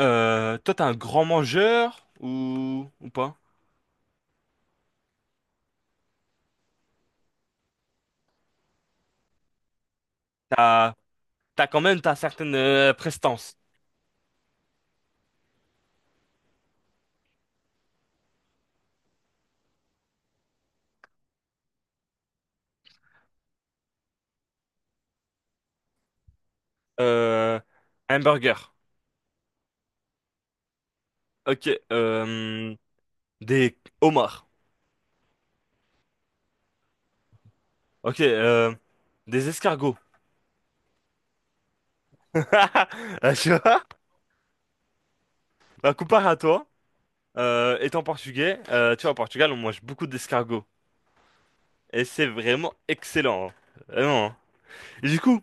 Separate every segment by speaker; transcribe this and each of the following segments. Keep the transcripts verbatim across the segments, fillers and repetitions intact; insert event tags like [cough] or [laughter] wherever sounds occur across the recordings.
Speaker 1: Euh, toi, t'es un grand mangeur ou, ou pas? T'as, t'as quand même t'as certaines euh, prestances. Euh, un burger. Ok. Euh, des homards. Ok. Euh, des escargots. [laughs] Euh, Tu vois? Bah, comparé à toi, euh, étant portugais, euh, tu vois, au Portugal, on mange beaucoup d'escargots. Et c'est vraiment excellent, hein. Vraiment, hein. Et du coup,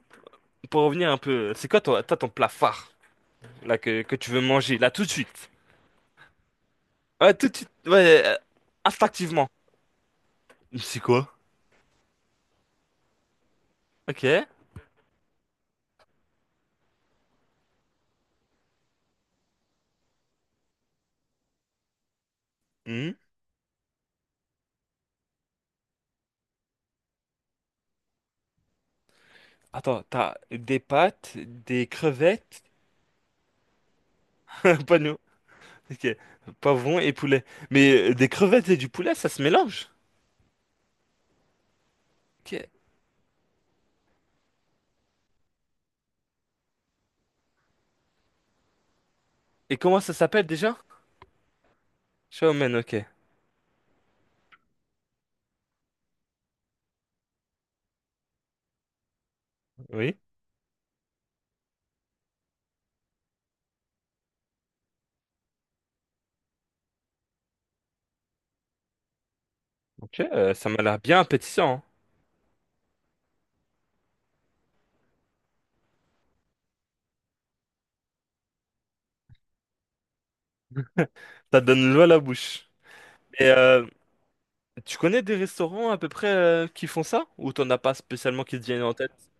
Speaker 1: pour revenir un peu, c'est quoi toi, toi, ton plat phare là, que, que tu veux manger là tout de suite? Ouais, tout de suite, ouais, euh, instinctivement. C'est quoi? Ok. Hmm. Attends, t'as des pâtes, des crevettes. [laughs] Pas nous. Ok. Poivrons et poulet. Mais euh, des crevettes et du poulet, ça se mélange. Ok. Et comment ça s'appelle déjà? Shawmen, ok. Oui. Ok, euh, ça m'a l'air bien appétissant, hein. Ça donne l'eau à la bouche. Et euh, tu connais des restaurants à peu près, euh, qui font ça? Ou t'en as pas spécialement qui te viennent en tête?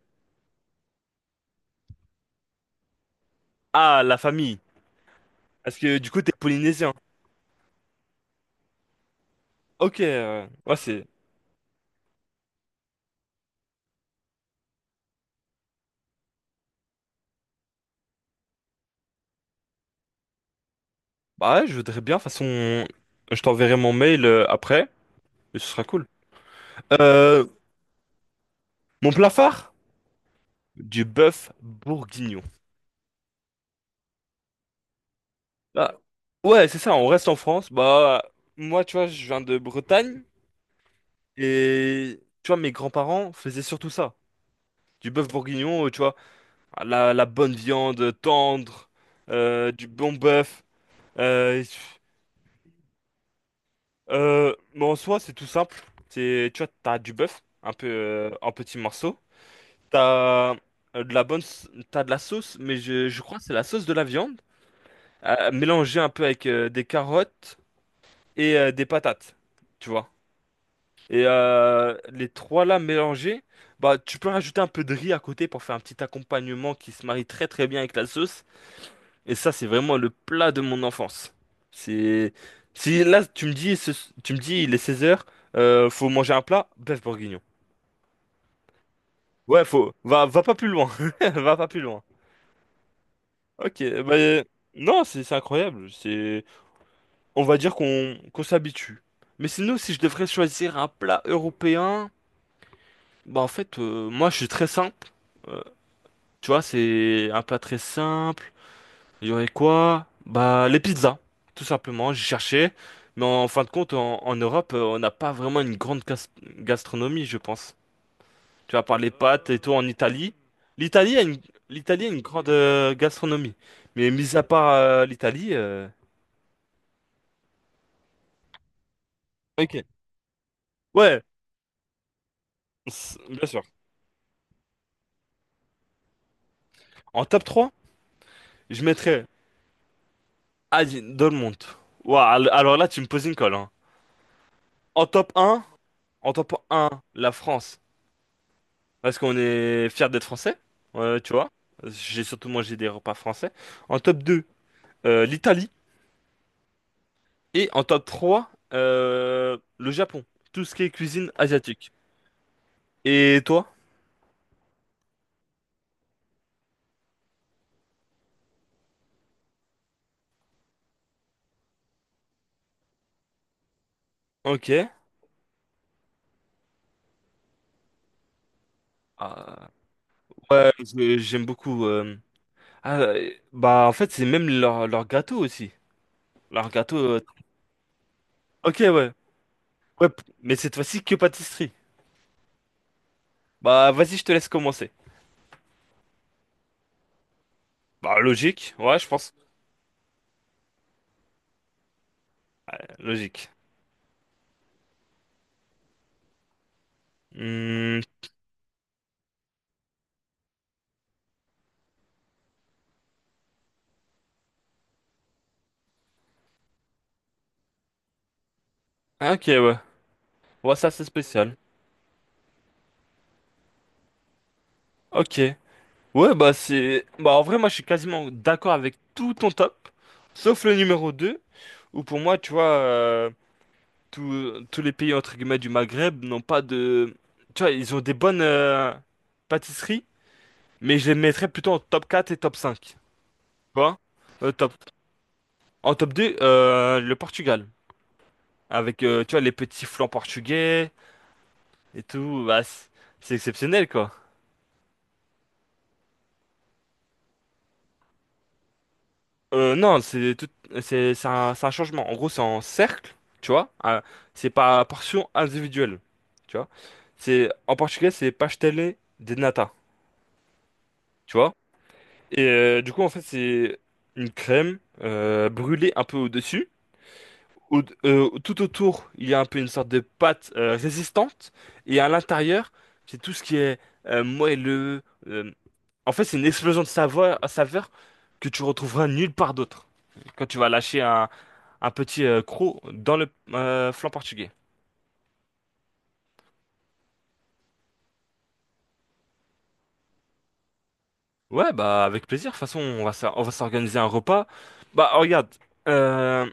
Speaker 1: Ah, la famille. Parce que du coup, t'es polynésien. Ok, euh, ouais, c'est Bah ouais, je voudrais bien. De toute façon, je t'enverrai mon mail euh, après, et ce sera cool. Euh, Mon plat phare? Du bœuf bourguignon. Bah, ouais, c'est ça, on reste en France. Bah, moi, tu vois, je viens de Bretagne, et tu vois, mes grands-parents faisaient surtout ça. Du bœuf bourguignon, euh, tu vois, la, la bonne viande tendre, euh, du bon bœuf. Euh, euh, mais en soi, c'est tout simple. C'est, tu vois, t'as du bœuf, un peu euh, en petits morceaux. T'as euh, de la bonne, s- t'as de la sauce, mais je, je crois que c'est la sauce de la viande, euh, mélangée un peu avec euh, des carottes et euh, des patates, tu vois. Et euh, les trois là mélangés, bah tu peux rajouter un peu de riz à côté pour faire un petit accompagnement qui se marie très très bien avec la sauce. Et ça, c'est vraiment le plat de mon enfance. C'est, si là tu me dis, ce- tu me dis, il est seize heures, euh, faut manger un plat, bœuf bourguignon. Ouais, faut, va, va pas plus loin. [laughs] Va pas plus loin. Ok, bah, non, c'est c'est incroyable. C'est, on va dire qu'on qu'on s'habitue. Mais sinon, si je devrais choisir un plat européen, bah en fait, euh, moi, je suis très simple. Euh, Tu vois, c'est un plat très simple. Il y aurait quoi? Bah, les pizzas, tout simplement. J'ai cherché, mais en fin de compte, en, en Europe, euh, on n'a pas vraiment une grande gas- gastronomie, je pense. Tu vas par les pâtes et tout en Italie. L'Italie a une, L'Italie a une grande euh, gastronomie, mais mis à part euh, l'Italie. euh, Ok. Ouais, c'est- bien sûr. En top trois, je mettrais Adin, Dolmont. Ouah, al- alors là, tu me poses une colle, hein. En top un, en top un, la France. Parce qu'on est fiers d'être français, euh, tu vois. J'ai surtout mangé des repas français. En top deux, euh, l'Italie. Et en top trois, euh, le Japon. Tout ce qui est cuisine asiatique. Et toi? Ok. Ah, ouais, je- j'aime beaucoup. Euh, ah, euh, bah, en fait, c'est même leur, leur gâteau aussi. Leur gâteau. euh, Ok, ouais. Ouais, p- mais cette fois-ci que pâtisserie. Bah, vas-y, je te laisse commencer. Bah, logique, ouais, je pense. Logique. Hmm, ah, ok, ouais. Ouais, ça, c'est spécial. Ok. Ouais, bah, c'est. Bah, en vrai, moi, je suis quasiment d'accord avec tout ton top, sauf le numéro deux, où pour moi, tu vois, euh, tous tous les pays, entre guillemets, du Maghreb n'ont pas de. Tu vois, ils ont des bonnes euh, pâtisseries, mais je les mettrais plutôt en top quatre et top cinq. Tu vois? Euh, top... En top deux, euh, le Portugal. Avec, euh, tu vois, les petits flancs portugais et tout. Bah, c- c'est exceptionnel, quoi. Euh, non, c'est tout, c'est c'est un, c'est un changement. En gros, c'est en cercle, tu vois. Ah, c'est pas à portion individuelle, tu vois. C'est, en portugais, c'est pastelé de nata, tu vois. Et euh, du coup, en fait, c'est une crème euh, brûlée un peu au-dessus. Au- euh, tout autour, il y a un peu une sorte de pâte euh, résistante. Et à l'intérieur, c'est tout ce qui est euh, moelleux. euh, En fait, c'est une explosion de saveur, saveur que tu retrouveras nulle part d'autre. Quand tu vas lâcher un, un petit euh, croc dans le euh, flanc portugais. Ouais, bah avec plaisir. De toute façon, on va, s'or- on va s'organiser un repas. Bah regarde, euh,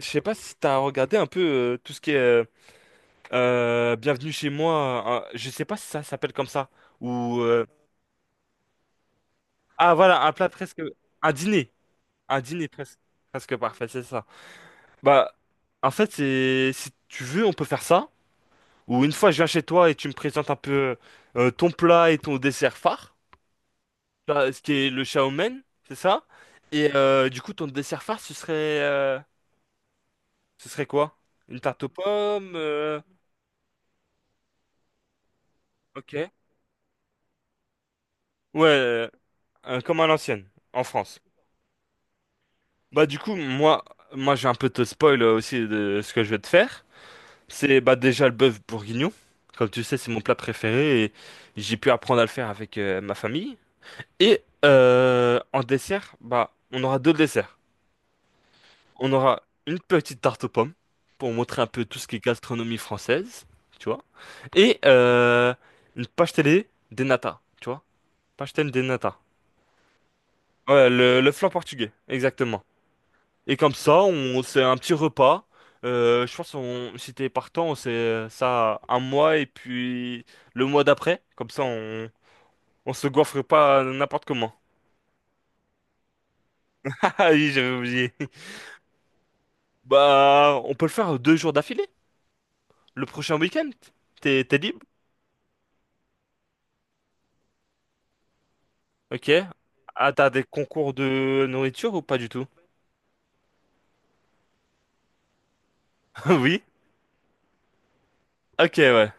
Speaker 1: je sais pas si t'as regardé un peu euh, tout ce qui est euh, euh, Bienvenue chez moi. Euh, je sais pas si ça s'appelle comme ça ou euh, Ah voilà, un plat presque, un dîner, un dîner presque, presque parfait, c'est ça. Bah, en fait, c'est, si tu veux, on peut faire ça. Ou une fois, je viens chez toi et tu me présentes un peu euh, ton plat et ton dessert phare. Là, ce qui est le chow mein, c'est ça. Et euh, du coup, ton dessert phare, ce serait, euh, ce serait quoi? Une tarte aux pommes, euh, ok. Ouais, euh, euh, comme à l'ancienne, en France. Bah du coup, moi, moi, je vais un peu te spoil euh, aussi de ce que je vais te faire. C'est bah déjà le bœuf bourguignon. Comme tu sais, c'est mon plat préféré et j'ai pu apprendre à le faire avec euh, ma famille. Et euh, en dessert, bah on aura deux desserts. On aura une petite tarte aux pommes pour montrer un peu tout ce qui est gastronomie française, tu vois. Et euh, une pastel des nata, tu vois. Pastel des nata. Ouais, le, le flan portugais, exactement. Et comme ça, on c'est un petit repas. Euh, je pense on, si t'es partant, on sait ça un mois et puis le mois d'après. Comme ça, on, on se goiffre pas n'importe comment. [laughs] Ah oui, j'avais oublié. Bah, on peut le faire deux jours d'affilée. Le prochain week-end. T'es t'es libre? Ok. Ah, t'as des concours de nourriture ou pas du tout? [laughs] Oui. Ok, ouais.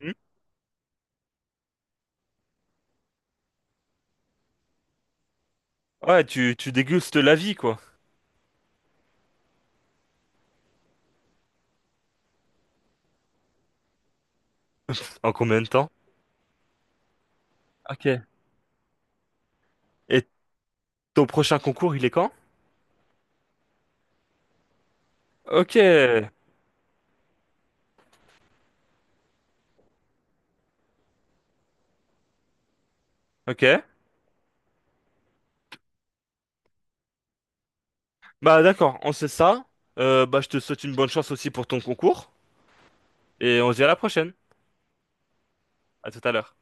Speaker 1: Hmm. Ouais, tu, tu dégustes la vie, quoi. En combien de temps? Ok. Et ton prochain concours, il est quand? Ok. Ok. Bah d'accord, on sait ça. Euh, bah je te souhaite une bonne chance aussi pour ton concours et on se dit à la prochaine. À tout à l'heure.